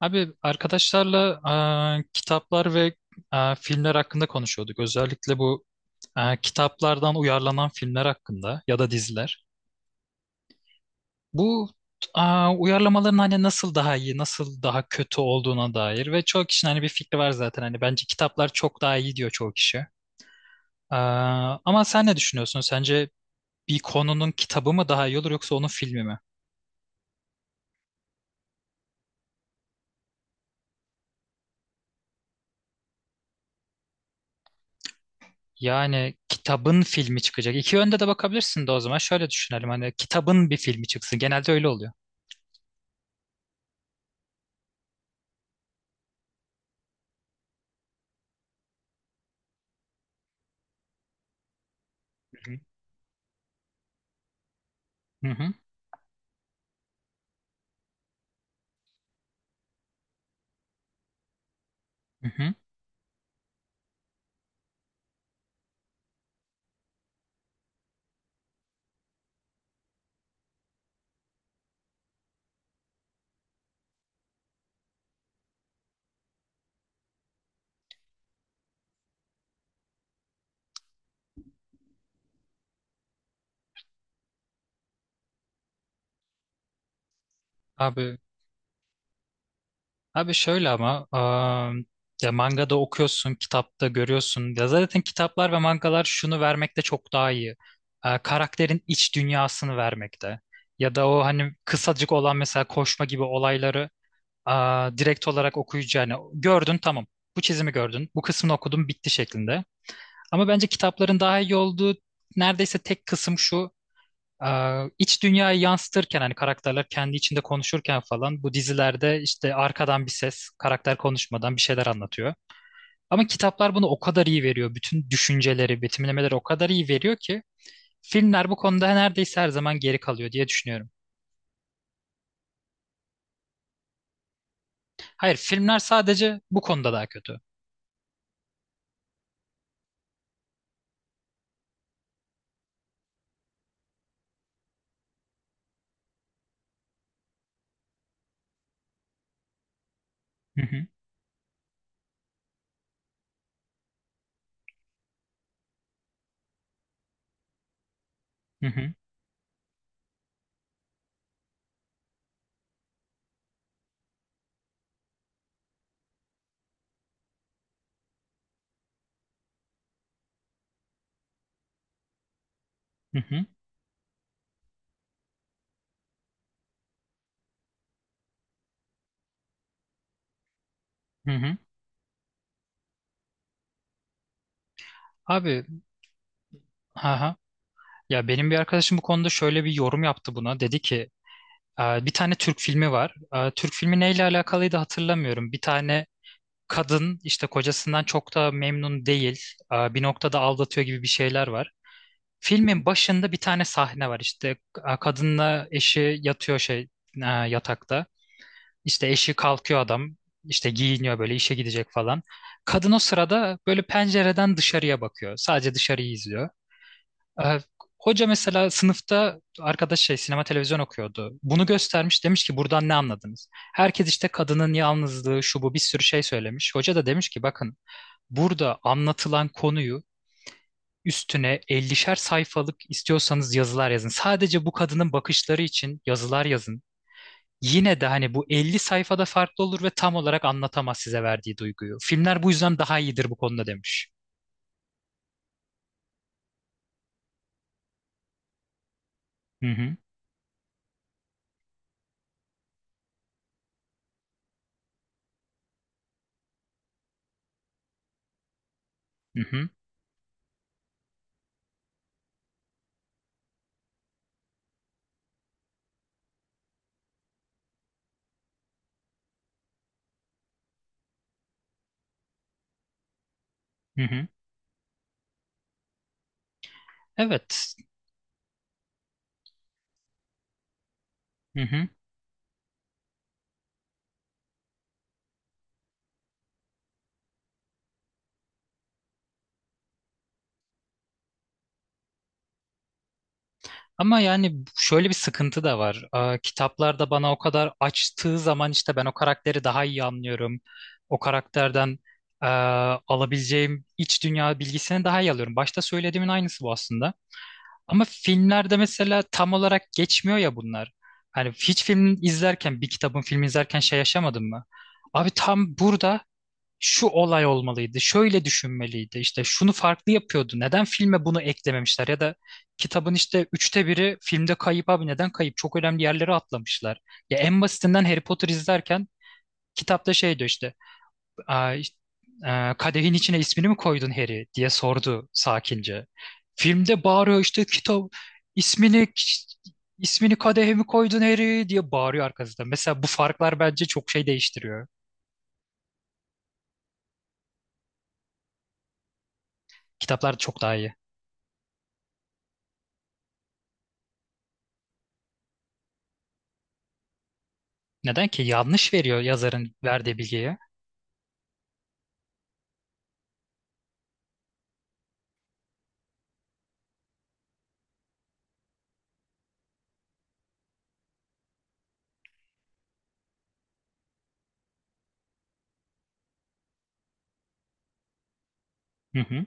Abi arkadaşlarla kitaplar ve filmler hakkında konuşuyorduk. Özellikle bu kitaplardan uyarlanan filmler hakkında ya da diziler. Bu e, uyarlamaların hani nasıl daha iyi, nasıl daha kötü olduğuna dair ve çoğu kişinin hani bir fikri var zaten. Hani bence kitaplar çok daha iyi diyor çoğu kişi. E, Ama sen ne düşünüyorsun? Sence bir konunun kitabı mı daha iyi olur yoksa onun filmi mi? Yani kitabın filmi çıkacak. İki yönde de bakabilirsin de o zaman şöyle düşünelim. Hani kitabın bir filmi çıksın. Genelde öyle oluyor. Hı hı. Hı hı. Hı hı. Abi Abi şöyle ama ya mangada okuyorsun, kitapta görüyorsun. Ya zaten kitaplar ve mangalar şunu vermekte çok daha iyi. Karakterin iç dünyasını vermekte. Ya da o hani kısacık olan mesela koşma gibi olayları direkt olarak okuyucuya hani gördün tamam. Bu çizimi gördün, bu kısmını okudun bitti şeklinde. Ama bence kitapların daha iyi olduğu neredeyse tek kısım şu. İç dünyayı yansıtırken hani karakterler kendi içinde konuşurken falan bu dizilerde işte arkadan bir ses karakter konuşmadan bir şeyler anlatıyor. Ama kitaplar bunu o kadar iyi veriyor. Bütün düşünceleri, betimlemeleri o kadar iyi veriyor ki filmler bu konuda neredeyse her zaman geri kalıyor diye düşünüyorum. Hayır, filmler sadece bu konuda daha kötü. Hı hı, hı hı, hı hı, hı hı. Abi, ha ha. Ya benim bir arkadaşım bu konuda şöyle bir yorum yaptı buna. Dedi ki: Bir tane Türk filmi var. Türk filmi neyle alakalıydı hatırlamıyorum. Bir tane kadın işte kocasından çok da memnun değil. Bir noktada aldatıyor gibi bir şeyler var. Filmin başında bir tane sahne var işte kadınla eşi yatıyor şey yatakta. İşte eşi kalkıyor, adam işte giyiniyor böyle, işe gidecek falan. Kadın o sırada böyle pencereden dışarıya bakıyor. Sadece dışarıyı izliyor. Ee, Hoca mesela sınıfta, arkadaş şey sinema televizyon okuyordu, bunu göstermiş, demiş ki buradan ne anladınız? Herkes işte kadının yalnızlığı, şu, bu, bir sürü şey söylemiş. Hoca da demiş ki bakın, burada anlatılan konuyu üstüne 50'şer sayfalık istiyorsanız yazılar yazın. Sadece bu kadının bakışları için yazılar yazın. Yine de hani bu 50 sayfada farklı olur ve tam olarak anlatamaz size verdiği duyguyu. Filmler bu yüzden daha iyidir bu konuda," demiş. Hı hı, hı hı, hı hı. Evet. Hı hı. Ama yani şöyle bir sıkıntı da var. Kitaplarda bana o kadar açtığı zaman işte ben o karakteri daha iyi anlıyorum. O karakterden eee, alabileceğim iç dünya bilgisini daha iyi alıyorum. Başta söylediğimin aynısı bu aslında. Ama filmlerde mesela tam olarak geçmiyor ya bunlar. Hani hiç film izlerken, bir kitabın filmi izlerken şey yaşamadın mı? Abi tam burada şu olay olmalıydı, şöyle düşünmeliydi, işte şunu farklı yapıyordu, neden filme bunu eklememişler ya da kitabın işte üçte biri filmde kayıp, abi neden kayıp, çok önemli yerlere atlamışlar. Ya en basitinden Harry Potter izlerken kitapta şey diyor işte, işte, kadehin içine ismini mi koydun Harry," diye sordu sakince. Filmde bağırıyor işte, kitap ismini ismini kadehe mi koydun Harry diye bağırıyor arkasında. Mesela bu farklar bence çok şey değiştiriyor. Kitaplar çok daha iyi. Neden ki? Yanlış veriyor yazarın verdiği bilgiyi. Hı hı.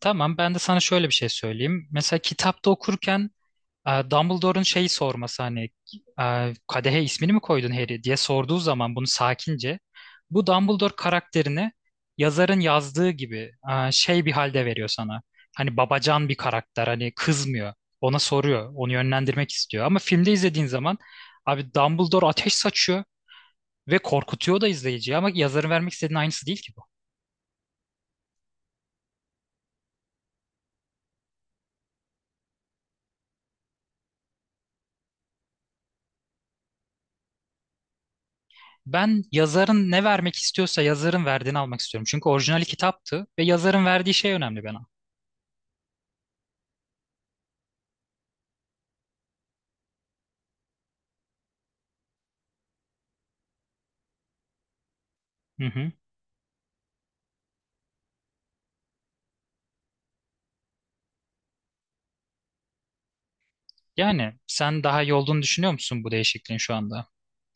Tamam, ben de sana şöyle bir şey söyleyeyim. Mesela kitapta okurken Dumbledore'un şeyi sorması hani, kadehe ismini mi koydun Harry diye sorduğu zaman bunu sakince, bu Dumbledore karakterini yazarın yazdığı gibi şey bir halde veriyor sana. Hani babacan bir karakter, hani kızmıyor. Ona soruyor. Onu yönlendirmek istiyor. Ama filmde izlediğin zaman abi Dumbledore ateş saçıyor ve korkutuyor da izleyiciyi, ama yazarın vermek istediğinin aynısı değil ki bu. Ben yazarın ne vermek istiyorsa yazarın verdiğini almak istiyorum. Çünkü orijinali kitaptı ve yazarın verdiği şey önemli bana. Hı hı. Yani sen daha iyi olduğunu düşünüyor musun bu değişikliğin şu anda?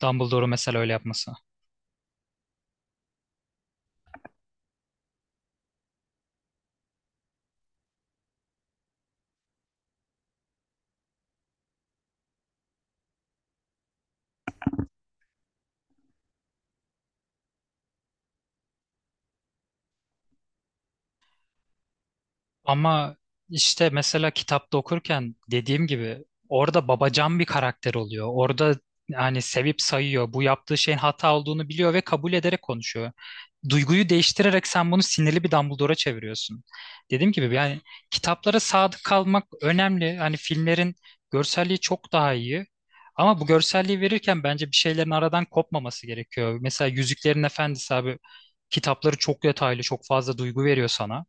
Dumbledore'u mesela öyle yapması. Ama işte mesela kitapta okurken dediğim gibi orada babacan bir karakter oluyor. Orada yani sevip sayıyor. Bu yaptığı şeyin hata olduğunu biliyor ve kabul ederek konuşuyor. Duyguyu değiştirerek sen bunu sinirli bir Dumbledore'a çeviriyorsun. Dediğim gibi yani kitaplara sadık kalmak önemli. Hani filmlerin görselliği çok daha iyi. Ama bu görselliği verirken bence bir şeylerin aradan kopmaması gerekiyor. Mesela Yüzüklerin Efendisi abi, kitapları çok detaylı, çok fazla duygu veriyor sana.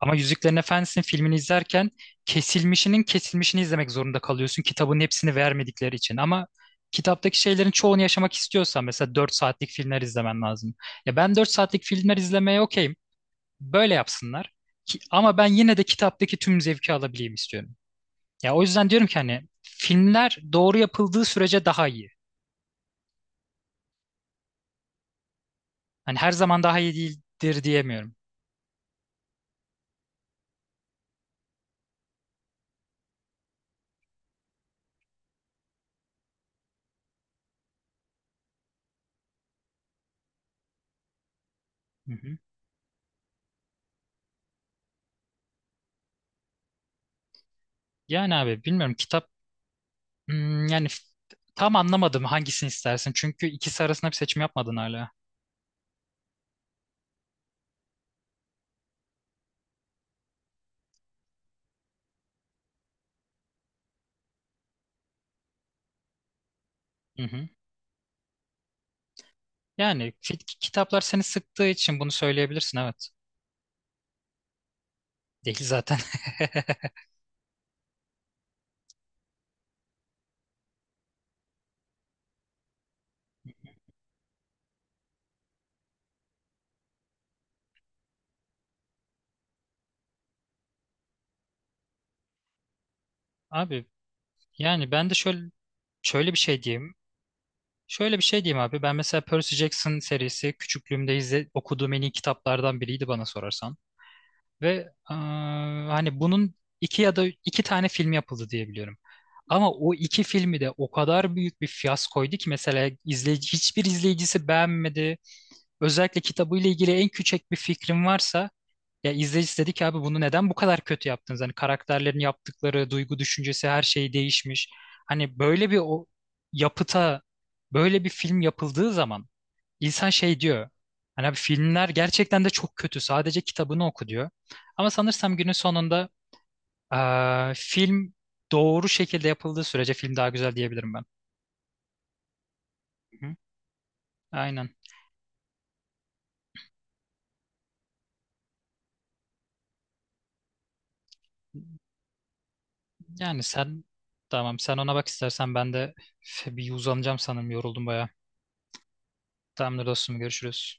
Ama Yüzüklerin Efendisi'nin filmini izlerken kesilmişinin kesilmişini izlemek zorunda kalıyorsun. Kitabın hepsini vermedikleri için. Ama kitaptaki şeylerin çoğunu yaşamak istiyorsan mesela 4 saatlik filmler izlemen lazım. Ya ben 4 saatlik filmler izlemeye okeyim. Böyle yapsınlar. Ki, ama ben yine de kitaptaki tüm zevki alabileyim istiyorum. Ya o yüzden diyorum ki hani filmler doğru yapıldığı sürece daha iyi. Hani her zaman daha iyi değildir diyemiyorum. Hı hı. Yani abi bilmiyorum, kitap Hmm, yani f- tam anlamadım hangisini istersin. Çünkü ikisi arasında bir seçim yapmadın hala. Hı hı. Yani kitaplar seni sıktığı için bunu söyleyebilirsin, evet. Değil zaten. Abi yani ben de şöyle bir şey diyeyim. Şöyle bir şey diyeyim abi. Ben mesela Percy Jackson serisi küçüklüğümde okuduğum en iyi kitaplardan biriydi bana sorarsan. Ve hani bunun iki ya da iki tane film yapıldı diye biliyorum. Ama o iki filmi de o kadar büyük bir fiyaskoydu ki mesela izleyici, hiçbir izleyicisi beğenmedi. Özellikle kitabıyla ilgili en küçük bir fikrim varsa ya, izleyici dedi ki abi bunu neden bu kadar kötü yaptınız? Hani karakterlerin yaptıkları, duygu düşüncesi, her şey değişmiş. Hani böyle bir o yapıta böyle bir film yapıldığı zaman İnsan şey diyor. Hani abi filmler gerçekten de çok kötü, sadece kitabını oku diyor. Ama sanırsam günün sonunda film doğru şekilde yapıldığı sürece film daha güzel diyebilirim ben. Hı. Aynen. Yani sen, tamam sen ona bak istersen, ben de bir uzanacağım sanırım, yoruldum bayağı. Tamamdır dostum, görüşürüz.